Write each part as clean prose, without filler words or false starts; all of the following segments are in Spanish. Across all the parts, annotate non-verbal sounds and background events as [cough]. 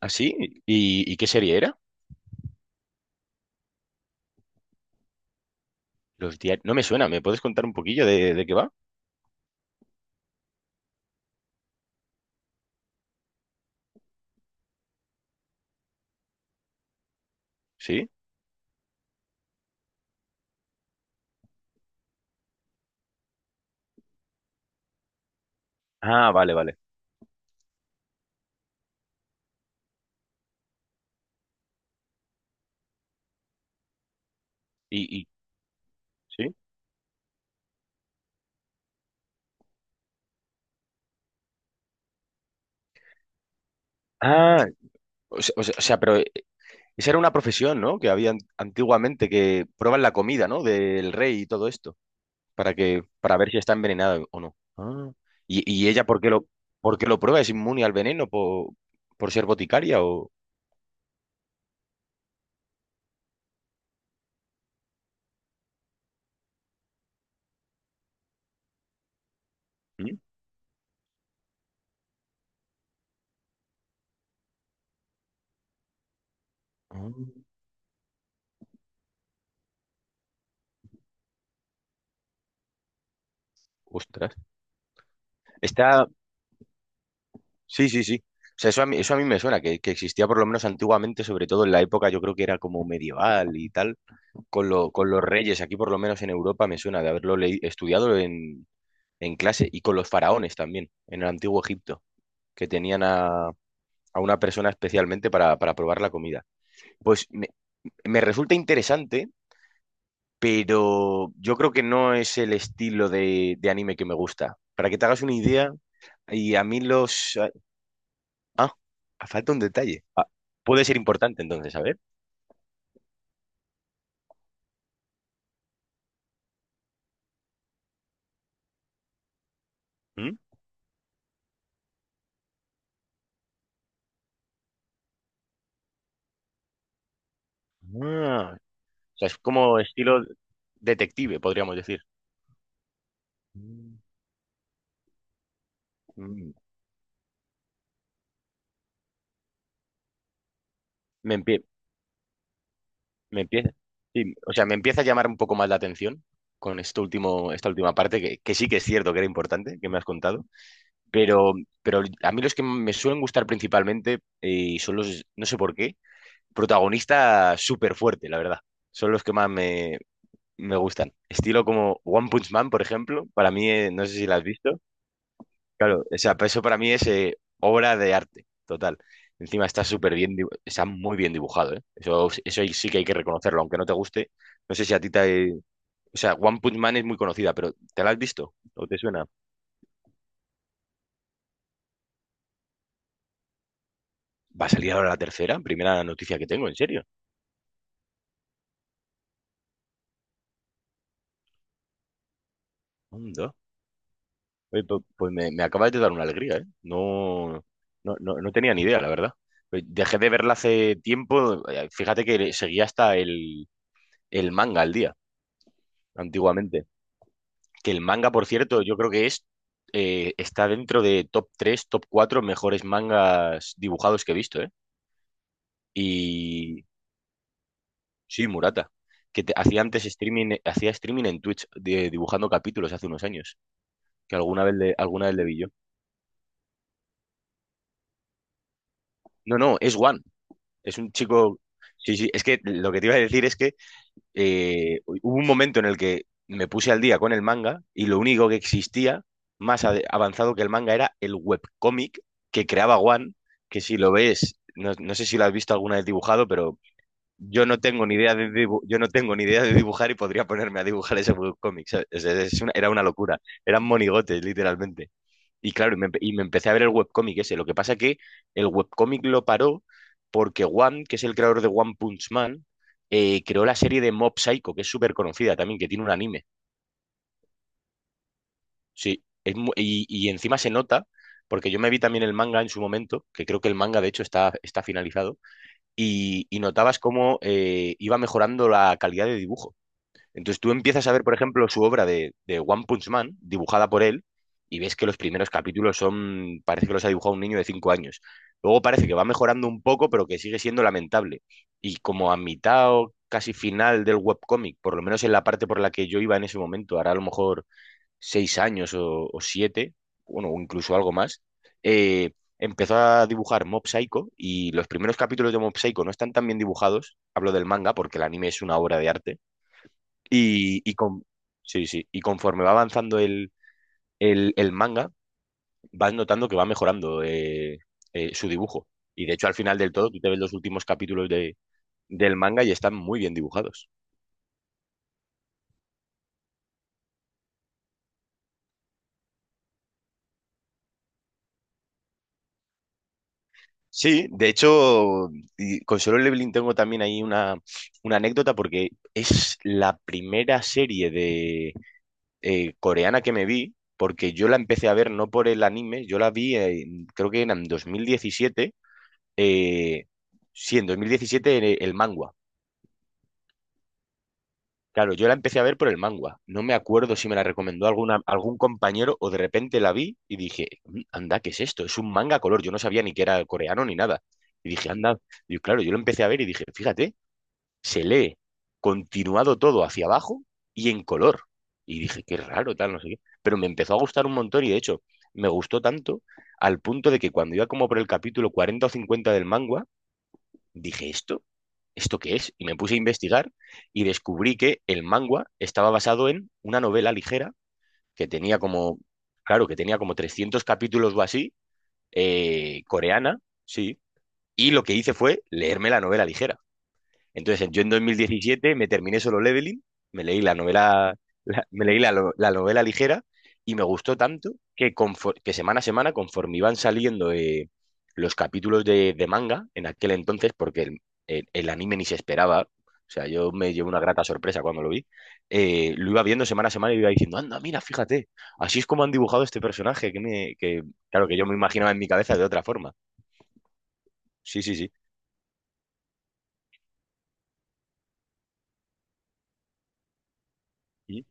¿Ah, sí? ¿Y qué serie era? Los diarios. No me suena, ¿me puedes contar un poquillo de qué va? ¿Sí? Ah, vale, vale. ¿Y, y- sí? Ah, o sea, pero esa era una profesión, ¿no? Que había antiguamente que prueban la comida, ¿no? Del rey y todo esto, para ver si está envenenada o no. Ah. ¿Y ella por qué lo prueba? ¿Es inmune al veneno por ser boticaria o...? ¿Mm? Ah, ostras. Está, Sí, sí, sí. O sea, eso a mí me suena, que existía por lo menos antiguamente, sobre todo en la época. Yo creo que era como medieval y tal, con los reyes. Aquí por lo menos en Europa me suena de haberlo estudiado en clase, y con los faraones también, en el antiguo Egipto, que tenían a una persona especialmente para probar la comida. Pues me resulta interesante, pero yo creo que no es el estilo de anime que me gusta. Para que te hagas una idea, y a mí los... Ah, ah, falta un detalle. Ah, puede ser importante entonces, a ver. ¿Mm? Ah, o sea, es como estilo detective, podríamos decir. Mm. Mm. Me empie- Me empieza, sí, o sea, me empieza a llamar un poco más la atención con esto último, esta última parte, que sí que es cierto que era importante, que me has contado, pero, pero a mí los que me suelen gustar principalmente, son los, no sé por qué, protagonista súper fuerte, la verdad. Son los que más me gustan. Estilo como One Punch Man, por ejemplo, para mí, no sé si la has visto. Claro, o sea, pues eso para mí es, obra de arte, total. Encima está súper bien, está muy bien dibujado, ¿eh? Eso ahí sí que hay que reconocerlo, aunque no te guste. No sé si a ti te... O sea, One Punch Man es muy conocida, pero ¿te la has visto? ¿O te suena? Va a salir ahora la tercera, primera noticia que tengo, en serio. Anda. Oye, pues me acabas de dar una alegría, ¿eh? No, no, no, no tenía ni idea, la verdad. Pues dejé de verla hace tiempo. Fíjate que seguía hasta el manga al día, antiguamente. Que el manga, por cierto, yo creo que es, está dentro de top 3, top 4 mejores mangas dibujados que he visto, ¿eh? Y sí, Murata, que hacía antes streaming en Twitch, dibujando capítulos hace unos años, que alguna vez le vi yo. No, no, es One. Es un chico. Sí, sí, es que lo que te iba a decir es que, hubo un momento en el que me puse al día con el manga y lo único que existía avanzado que el manga era el webcómic que creaba One, que si lo ves, no sé si lo has visto alguna vez dibujado, pero yo no tengo ni idea de dibujar y podría ponerme a dibujar ese webcómic, ¿sabes? O es era una locura, eran monigotes, literalmente. Y claro, y me empecé a ver el webcómic ese. Lo que pasa que el webcómic lo paró porque One, que es el creador de One Punch Man, creó la serie de Mob Psycho, que es súper conocida también, que tiene un anime. Sí, y encima se nota, porque yo me vi también el manga en su momento, que creo que el manga de hecho está finalizado, y notabas cómo, iba mejorando la calidad de dibujo. Entonces tú empiezas a ver, por ejemplo, su obra de One Punch Man, dibujada por él, y ves que los primeros capítulos son, parece que los ha dibujado un niño de 5 años. Luego parece que va mejorando un poco, pero que sigue siendo lamentable. Y como a mitad o casi final del webcómic, por lo menos en la parte por la que yo iba en ese momento, hará a lo mejor 6 años o 7, bueno, o incluso algo más. eh, Empezó a dibujar Mob Psycho y los primeros capítulos de Mob Psycho no están tan bien dibujados, hablo del manga porque el anime es una obra de arte, y, y con, sí, sí, y conforme va avanzando el manga, vas notando que va mejorando, su dibujo. Y de hecho, al final del todo, tú te ves los últimos capítulos del manga y están muy bien dibujados. Sí, de hecho, y con Solo Leveling tengo también ahí una anécdota porque es la primera serie de, coreana que me vi, porque yo la empecé a ver no por el anime, yo la vi, creo que en 2017, eh, sí, en 2017 el manga. Claro, yo la empecé a ver por el manga. No me acuerdo si me la recomendó algún compañero o de repente la vi y dije: "Mm, anda, ¿qué es esto? Es un manga a color". Yo no sabía ni que era coreano ni nada. Y dije, anda. Y claro, yo lo empecé a ver y dije, fíjate, se lee continuado todo hacia abajo y en color. Y dije, qué raro, tal, no sé qué. Pero me empezó a gustar un montón y, de hecho, me gustó tanto al punto de que cuando iba como por el capítulo 40 o 50 del manga, dije: "¿Esto? ¿Esto qué es?". Y me puse a investigar y descubrí que el manga estaba basado en una novela ligera que tenía como, claro, que tenía como 300 capítulos o así, coreana, sí. Y lo que hice fue leerme la novela ligera. Entonces, yo en 2017 me terminé Solo Leveling, me leí la novela, me leí la novela ligera y me gustó tanto que, que semana a semana, conforme iban saliendo, los capítulos de manga en aquel entonces, porque el anime ni se esperaba. O sea, yo me llevé una grata sorpresa cuando lo vi, lo iba viendo semana a semana y iba diciendo, anda, mira, fíjate, así es como han dibujado este personaje, que claro, que yo me imaginaba en mi cabeza de otra forma. Sí, sí, sí. ¿Y?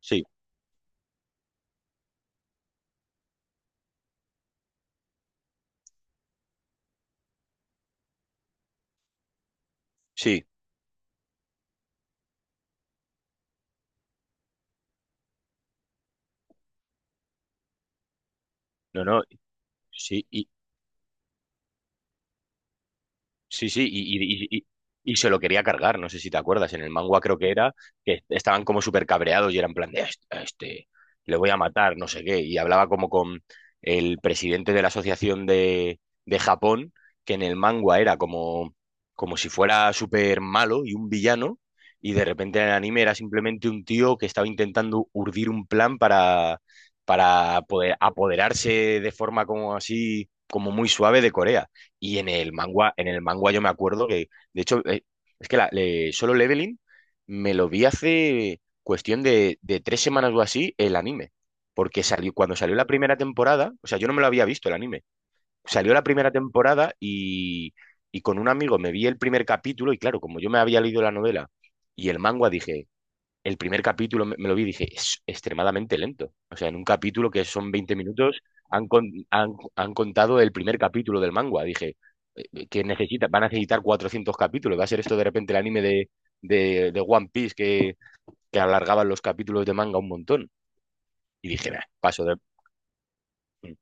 Sí, sí, no, no, sí. Sí, sí, y se lo quería cargar, no sé si te acuerdas. En el manga creo que era, que estaban como súper cabreados y eran en plan de: "A este, le voy a matar, no sé qué", y hablaba como con el presidente de la asociación de Japón, que en el manga era como, como si fuera súper malo y un villano, y de repente en el anime era simplemente un tío que estaba intentando urdir un plan para poder apoderarse de forma como así, como muy suave, de Corea. Y en el manga yo me acuerdo que, de hecho, es que Solo Leveling me lo vi hace cuestión de 3 semanas o así el anime. Porque cuando salió la primera temporada, o sea, yo no me lo había visto el anime. Salió la primera temporada y con un amigo me vi el primer capítulo y claro, como yo me había leído la novela y el manga, dije, el primer capítulo me lo vi y dije, es extremadamente lento. O sea, en un capítulo que son 20 minutos, han contado el primer capítulo del manga. Dije, van a necesitar 400 capítulos. Va a ser esto de repente el anime de One Piece, que alargaban los capítulos de manga un montón. Y dije: "Nah, paso de...". Mm,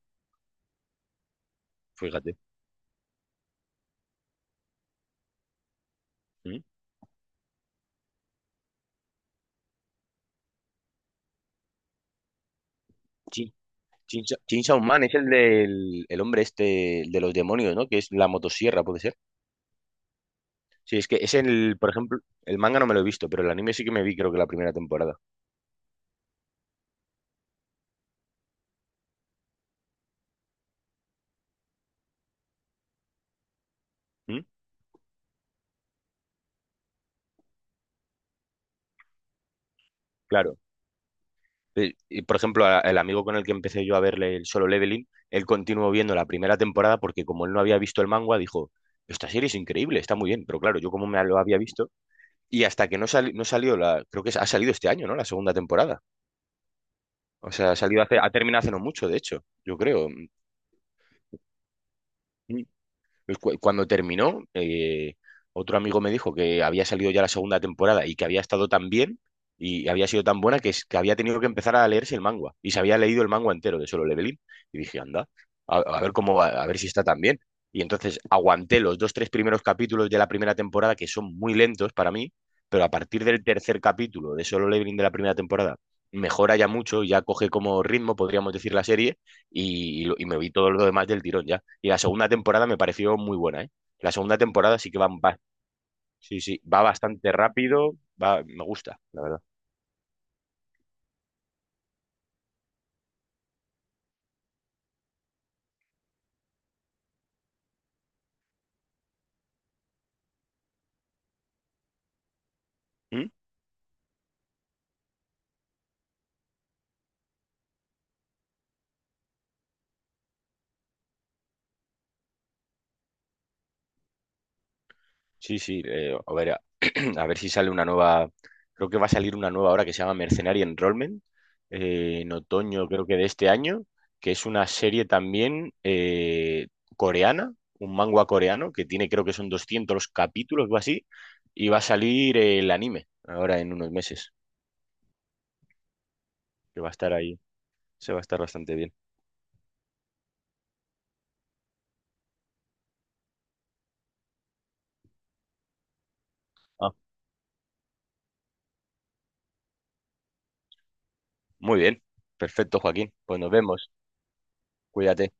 Fíjate. Mm, Chin, Chin Man es el del el hombre este, el de los demonios, ¿no? Que es la motosierra, puede ser. Sí, es que es por ejemplo, el manga no me lo he visto, pero el anime sí que me vi creo que la primera temporada. ¿Mm? Claro. Y, por ejemplo, el amigo con el que empecé yo a verle el Solo Leveling, él continuó viendo la primera temporada porque, como él no había visto el manga, dijo, esta serie es increíble, está muy bien, pero claro, yo como me lo había visto, y hasta que no salió creo que ha salido este año, ¿no? La segunda temporada. O sea, ha terminado hace no mucho, de hecho, yo creo. Pues cuando terminó, otro amigo me dijo que había salido ya la segunda temporada y que había estado tan bien y había sido tan buena que había tenido que empezar a leerse el manga. Y se había leído el manga entero de Solo Leveling. Y dije, anda, a ver si está tan bien. Y entonces aguanté los dos, tres primeros capítulos de la primera temporada, que son muy lentos para mí, pero a partir del tercer capítulo de Solo Leveling de la primera temporada, mejora ya mucho, ya coge como ritmo, podríamos decir, la serie, y me vi todo lo demás del tirón ya. Y la segunda temporada me pareció muy buena, ¿eh? La segunda temporada sí que sí, sí, va bastante rápido, va, me gusta, la verdad. ¿Mm? Sí, sí, a ver, [clears throat] a ver si sale una nueva, creo que va a salir una nueva ahora que se llama Mercenary Enrollment, en otoño creo que de este año, que es una serie también, coreana, un manga coreano, que tiene creo que son 200 capítulos o así, y va a salir, el anime ahora en unos meses, que va a estar ahí, se va a estar bastante bien. Muy bien, perfecto, Joaquín. Pues nos vemos. Cuídate.